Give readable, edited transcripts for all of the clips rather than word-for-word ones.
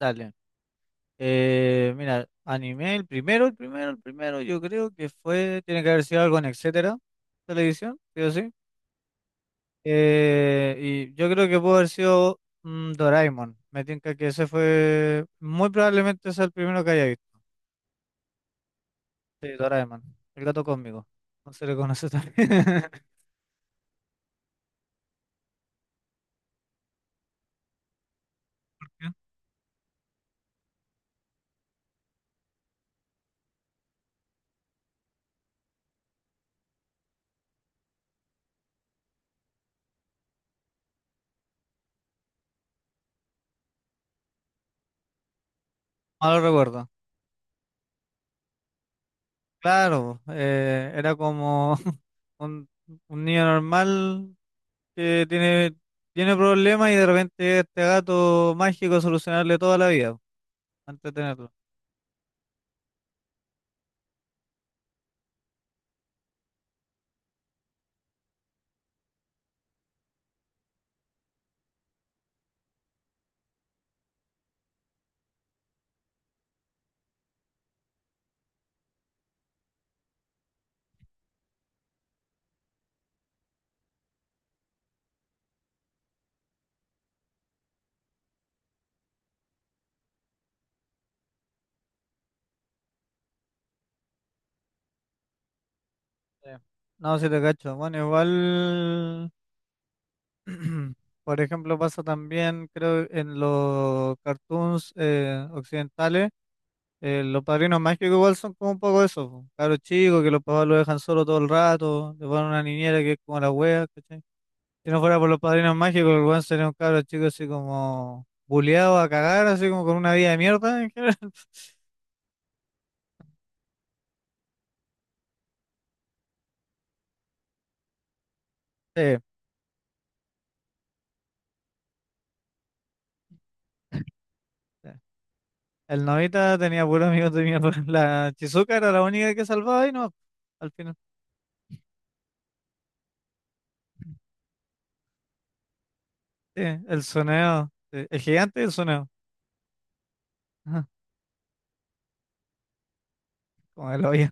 Dale. Mira, anime, el primero, yo creo que fue, tiene que haber sido algo en Etcétera, televisión, sí o sí. Eh, y yo creo que pudo haber sido Doraemon. Me tinca que ese fue, muy probablemente es el primero que haya visto. Sí, Doraemon, el gato cósmico. No se le conoce también. Malo recuerdo. Claro, era como un, un niño normal que tiene problemas y de repente este gato mágico solucionarle toda la vida, po, entretenerlo. Sí. No, si te cacho. Bueno, igual, por ejemplo, pasa también, creo, en los cartoons occidentales, los padrinos mágicos igual son como un poco eso, po, cabros chicos que los papás lo dejan solo todo el rato, le ponen una niñera que es como la wea, ¿cachai? Si no fuera por los padrinos mágicos, el weón sería un cabro chico así como buleado a cagar, así como con una vida de mierda en general. Sí, sí. El Nobita tenía puros amigos de mierda. La Chizuka era la única que salvaba y no, al final. Sí, el soneo. Sí, el gigante y el soneo. Ajá, como el hoyo.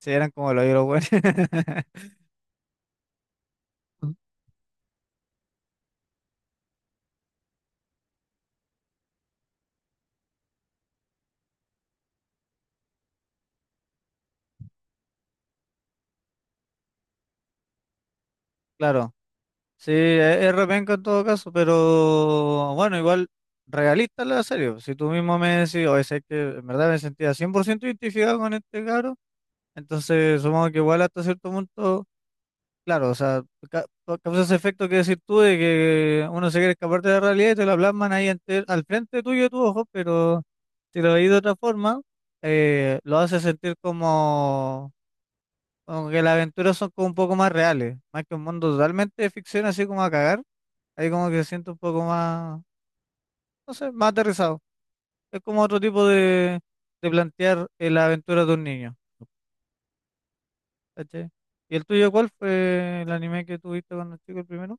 Sí, eran como el hoyo los buenos. Claro. Sí, es repenca en todo caso, pero bueno, igual realista la serie. Si tú mismo me decís, oye, sé que en verdad me sentía 100% identificado con este caro, entonces supongo que igual hasta cierto punto. Claro, o sea, causa ese efecto que decir tú de que uno se quiere escapar de la realidad y te la plasman ahí al frente tuyo de tus ojos, pero si lo veis de otra forma, lo hace sentir como, como que las aventuras son como un poco más reales, más que un mundo totalmente de ficción, así como a cagar, ahí como que se siente un poco más, no sé, más aterrizado. Es como otro tipo de plantear la aventura de un niño. ¿Cachai? ¿Y el tuyo cuál fue el anime que tuviste cuando chico el primero?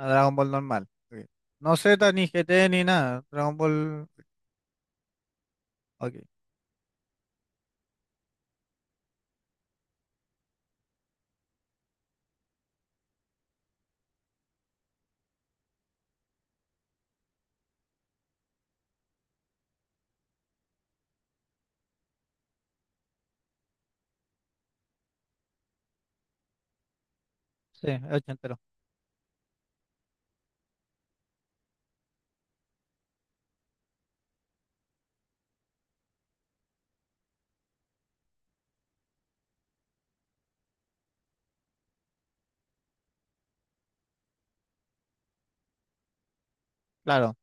A Dragon Ball normal. Ok. No Z, ni GT, ni nada. Dragon Ball. Ok. Sí, es ochentero. Claro.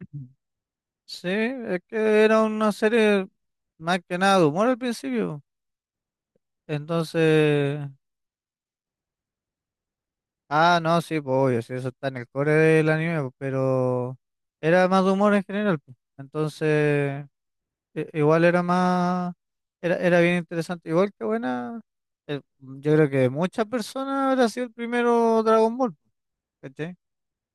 Ujú. Sí, es que era una serie más que nada de humor al principio. Entonces. Ah, no, sí, pues obvio, sí, eso está en el core del anime, pues, pero era más de humor en general, pues. Entonces, igual era más. Era bien interesante. Igual que buena. Eh, yo creo que muchas personas habrá sido el primero Dragon Ball. ¿Cachai?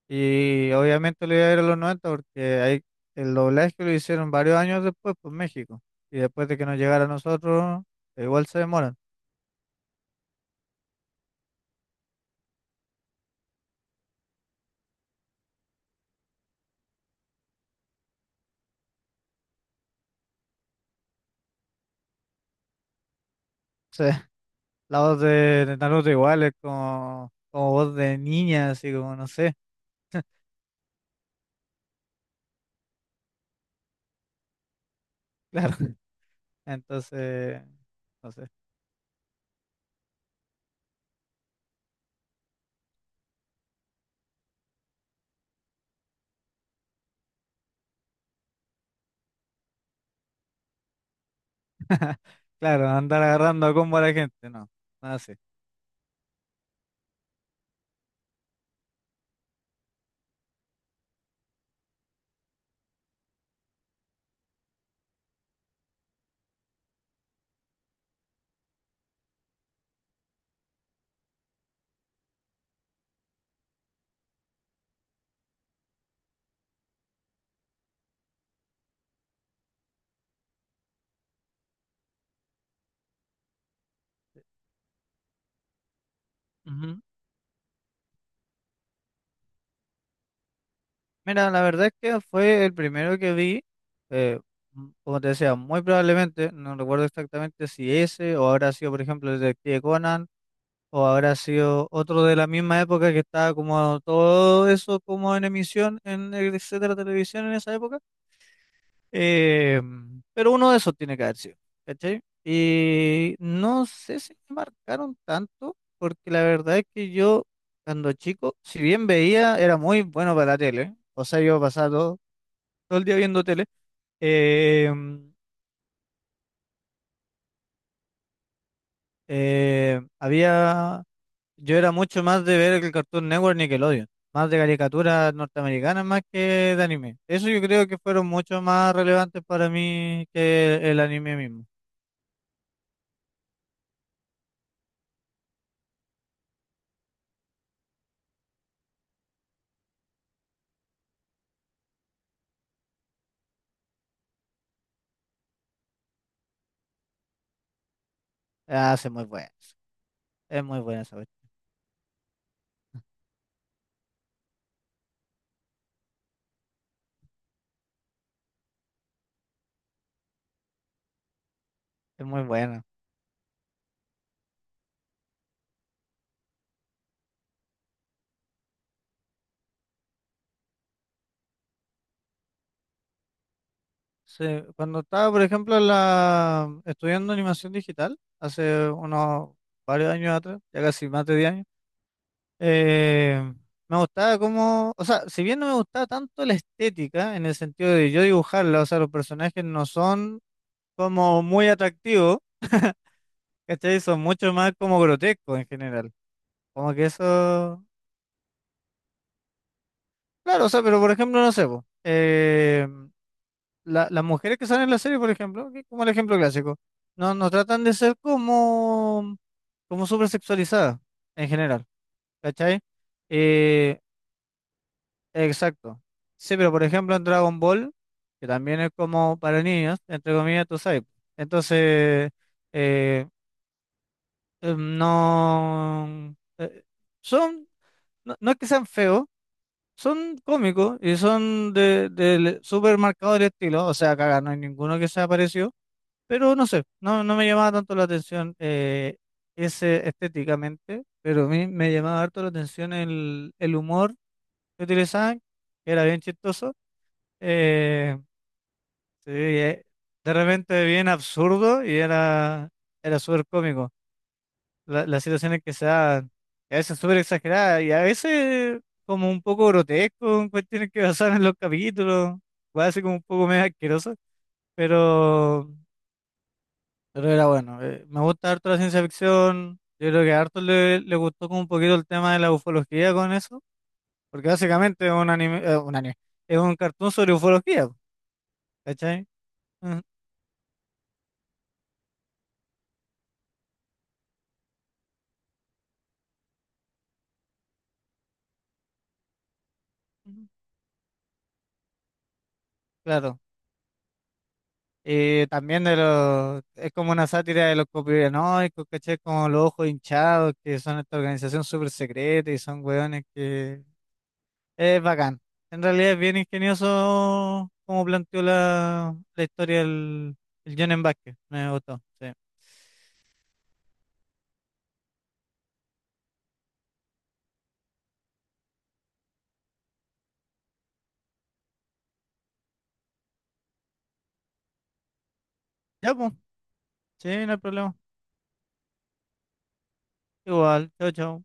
Y obviamente le iba a ir a los 90 porque ahí el doblaje lo hicieron varios años después por México. Y después de que nos llegara a nosotros, igual se demoran. O sea, la voz de Naruto igual es como, como voz de niña, así como no sé. Claro. Entonces, no sé. Claro, andar agarrando a combo a la gente, no. Nada así. Mira, la verdad es que fue el primero que vi, eh, como te decía, muy probablemente, no recuerdo exactamente si ese o habrá sido, por ejemplo, el Detective Conan o habrá sido otro de la misma época que estaba como todo eso como en emisión en el etcétera televisión en esa época. Eh, pero uno de esos tiene que haber sido, ¿cachai? Y no sé si me marcaron tanto, porque la verdad es que yo cuando chico, si bien veía, era muy bueno para la tele. O sea, yo pasaba todo el día viendo tele. eh, Había, yo era mucho más de ver el Cartoon Network Nickelodeon, más de caricaturas norteamericanas más que de anime. Eso yo creo que fueron mucho más relevantes para mí que el anime mismo. Ah, sí, muy buena, es muy buena esa cuestión, es muy buena. Sí, cuando estaba, por ejemplo, en la, estudiando animación digital, hace unos varios años atrás, ya casi más de 10 años. Eh, Me gustaba como, o sea, si bien no me gustaba tanto la estética, en el sentido de yo dibujarla, o sea, los personajes no son como muy atractivos, ¿cachai? Son mucho más como grotescos en general. Como que eso, claro, o sea, pero por ejemplo, no sé, po, las mujeres que salen en la serie, por ejemplo, que es como el ejemplo clásico, no, no tratan de ser como, como súper sexualizadas en general, ¿cachai? Eh, Exacto. Sí, pero por ejemplo en Dragon Ball, que también es como para niños, entre comillas, tú sabes. Entonces, eh, eh, no, eh, Son, no, no es que sean feos, son cómicos y son de súper marcado el estilo, o sea, caga, no hay ninguno que sea parecido, pero no sé, no, no me llamaba tanto la atención ese estéticamente, pero a mí me llamaba harto la atención el humor que utilizaban, que era bien chistoso. Eh, sí, eh, de repente bien absurdo y era, era súper cómico. Las situaciones que se dan y a veces súper exageradas y a veces como un poco grotesco, en cuestiones que pasaban en los capítulos, puede ser como un poco medio asqueroso, pero, pero era bueno. Me gusta harto la ciencia ficción, yo creo que a harto le, le gustó como un poquito el tema de la ufología con eso, porque básicamente es un anime, es un cartoon sobre ufología, ¿cachai? Mm, ujú. Claro. Y también de los, es como una sátira de los conspiranoicos, ¿cachai? Como los ojos hinchados, que son esta organización súper secreta y son hueones que es bacán. En realidad es bien ingenioso como planteó la, la historia el John Vázquez. Me gustó, sí. Ya, pues, sí, no hay problema. Igual, chao, chao.